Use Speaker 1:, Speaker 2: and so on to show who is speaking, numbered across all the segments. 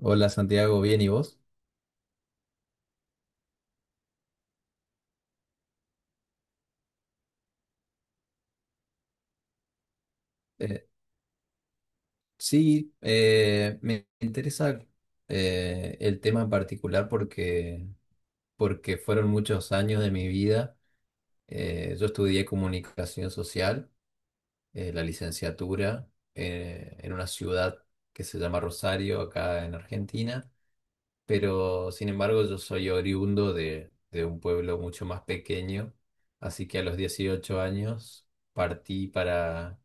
Speaker 1: Hola Santiago, ¿bien y vos? Eh, sí, me interesa el tema en particular porque fueron muchos años de mi vida. Yo estudié comunicación social, la licenciatura, en una ciudad que se llama Rosario, acá en Argentina, pero sin embargo yo soy oriundo de un pueblo mucho más pequeño, así que a los 18 años partí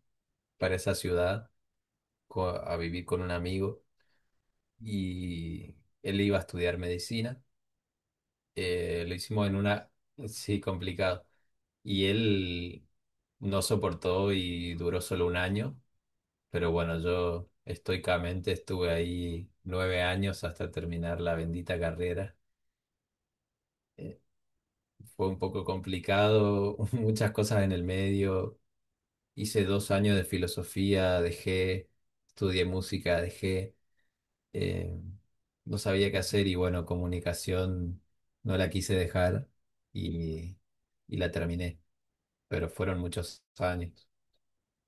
Speaker 1: para esa ciudad a vivir con un amigo y él iba a estudiar medicina. Lo hicimos en una, sí, complicado. Y él no soportó y duró solo un año, pero bueno, yo estoicamente estuve ahí 9 años hasta terminar la bendita carrera. Eh, fue un poco complicado, muchas cosas en el medio. Hice 2 años de filosofía, dejé, estudié música, dejé. eh, no sabía qué hacer y bueno, comunicación no la quise dejar y, y la terminé, pero fueron muchos años.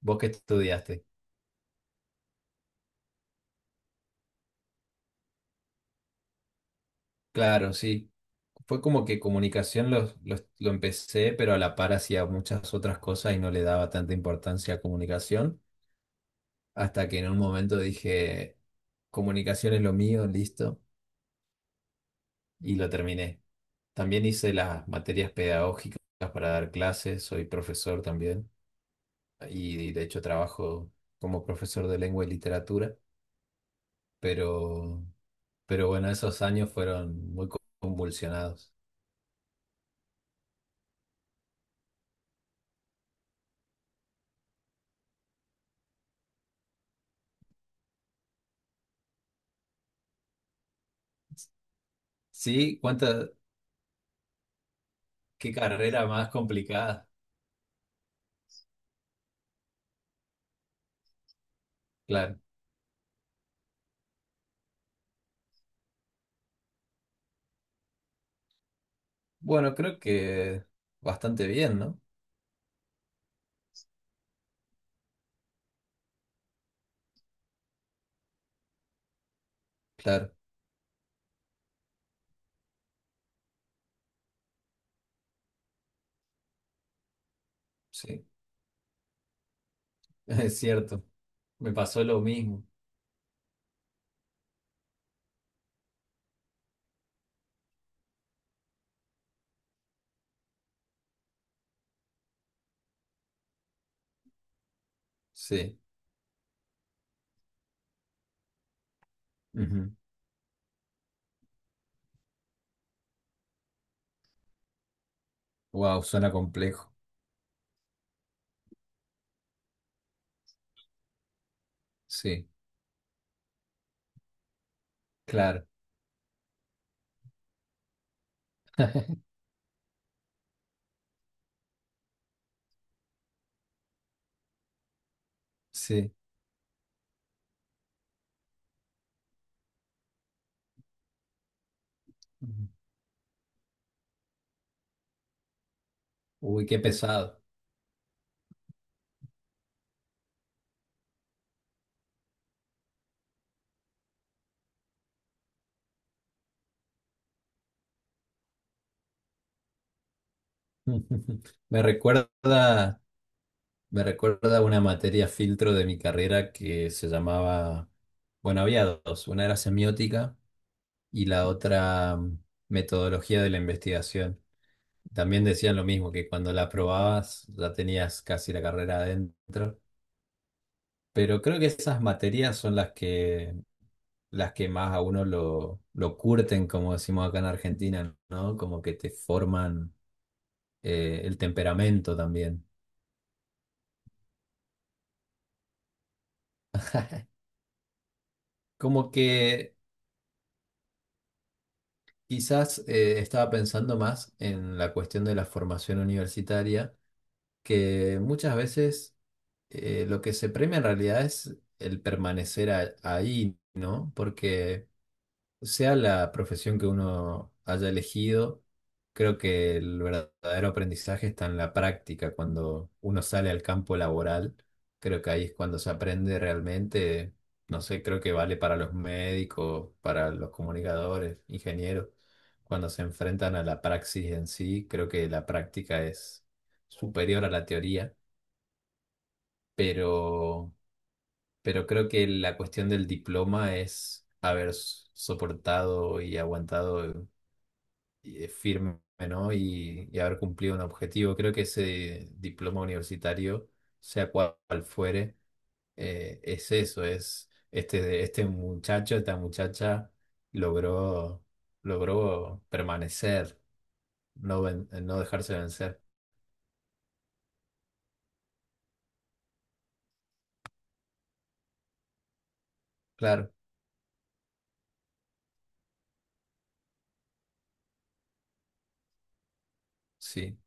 Speaker 1: ¿Vos qué estudiaste? Claro, sí. Fue como que comunicación lo empecé, pero a la par hacía muchas otras cosas y no le daba tanta importancia a comunicación, hasta que en un momento dije, comunicación es lo mío, listo, y lo terminé. También hice las materias pedagógicas para dar clases, soy profesor también. Y de hecho trabajo como profesor de lengua y literatura, pero, pero bueno, esos años fueron muy convulsionados. Sí, qué carrera más complicada, claro. Bueno, creo que bastante bien, ¿no? Claro, sí, es cierto. Me pasó lo mismo, sí. Wow, suena complejo, sí, claro, sí. Ujú. Uy, qué pesado. Me recuerda Me recuerda a una materia filtro de mi carrera que se llamaba, bueno, había dos, una era semiótica y la otra metodología de la investigación. También decían lo mismo, que cuando la aprobabas ya tenías casi la carrera adentro, pero creo que esas materias son las que más a uno lo curten, como decimos acá en Argentina, ¿no? Como que te forman el temperamento también. Como que... Quizás estaba pensando más en la cuestión de la formación universitaria, que muchas veces lo que se premia en realidad es el permanecer ahí, ¿no? Porque sea la profesión que uno haya elegido, creo que el verdadero aprendizaje está en la práctica, cuando uno sale al campo laboral, creo que ahí es cuando se aprende realmente, no sé, creo que vale para los médicos, para los comunicadores, ingenieros, cuando se enfrentan a la praxis en sí, creo que la práctica es superior a la teoría, pero, pero creo que la cuestión del diploma es haber soportado y aguantado y, firme, ¿no? Y haber cumplido un objetivo. Creo que ese diploma universitario, sea cual fuere, es eso, es este muchacho, esta muchacha logró, logró permanecer, no, no dejarse vencer. Claro, sí,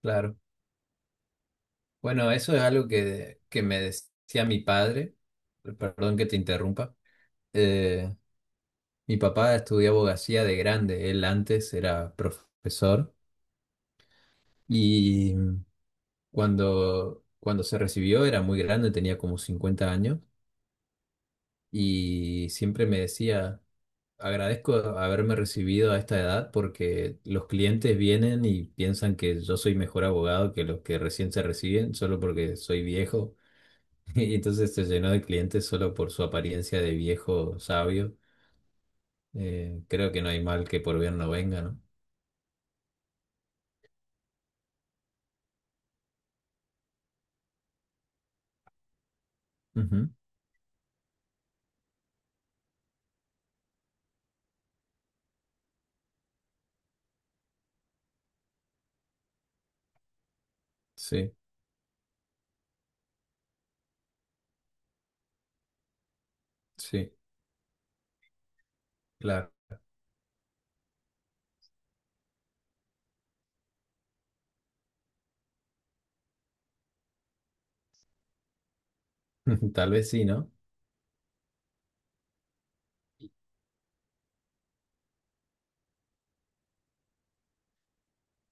Speaker 1: claro. Bueno, eso es algo que me decía mi padre, perdón que te interrumpa. Eh, mi papá estudió abogacía de grande, él antes era profesor. Y cuando se recibió era muy grande, tenía como 50 años y siempre me decía, agradezco haberme recibido a esta edad porque los clientes vienen y piensan que yo soy mejor abogado que los que recién se reciben solo porque soy viejo. Y entonces se llenó de clientes solo por su apariencia de viejo sabio. Creo que no hay mal que por bien no venga, ¿no? Ujú, sí, sí, claro. Tal vez sí, ¿no?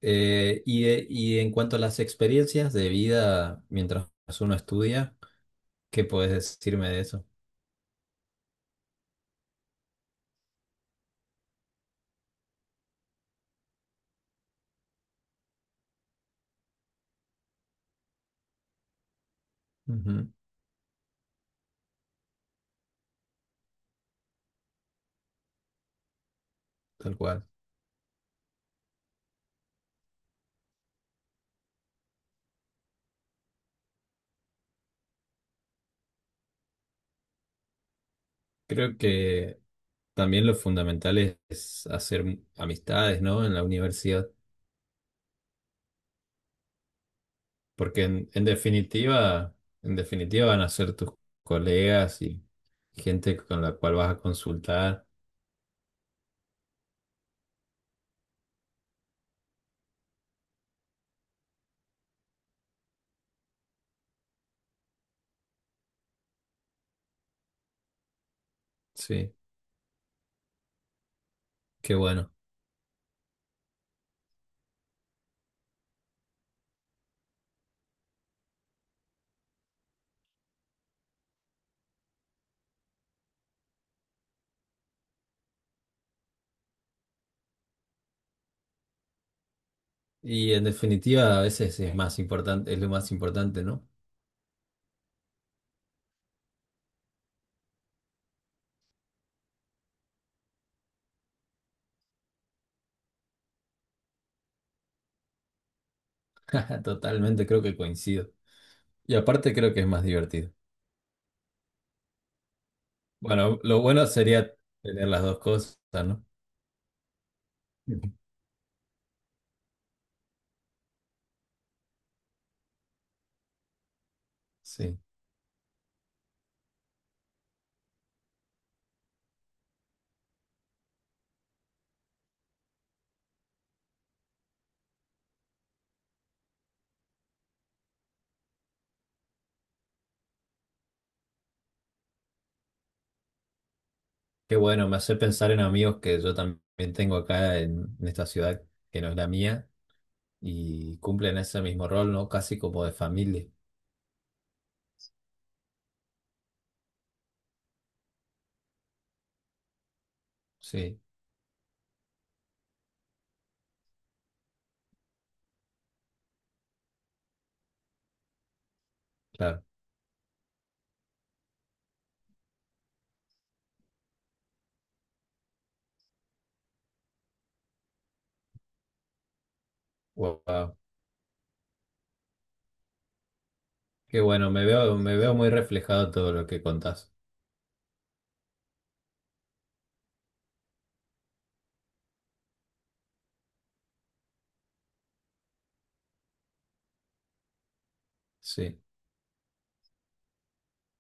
Speaker 1: Y en cuanto a las experiencias de vida mientras uno estudia, ¿qué puedes decirme de eso? Ujú, tal cual. Creo que también lo fundamental es hacer amistades, ¿no? En la universidad, porque en definitiva van a ser tus colegas y gente con la cual vas a consultar. Sí, qué bueno. Y en definitiva, a veces es más importante, es lo más importante, ¿no? Totalmente, creo que coincido. Y aparte creo que es más divertido. Bueno, lo bueno sería tener las dos cosas, ¿no? Ujú. Sí. Qué bueno, me hace pensar en amigos que yo también tengo acá en esta ciudad que no es la mía y cumplen ese mismo rol, ¿no? Casi como de familia. Sí, claro. Wow. Qué bueno, me veo muy reflejado todo lo que contás. Sí,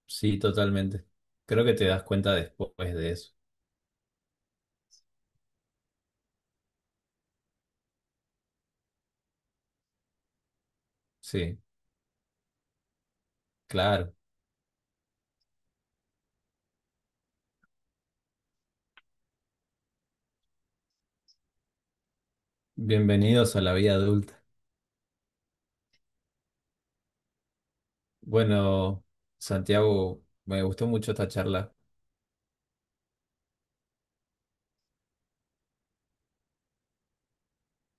Speaker 1: sí, totalmente. Creo que te das cuenta después de eso. Sí, claro. Bienvenidos a la vida adulta. Bueno, Santiago, me gustó mucho esta charla.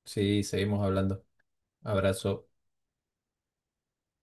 Speaker 1: Sí, seguimos hablando. Abrazo.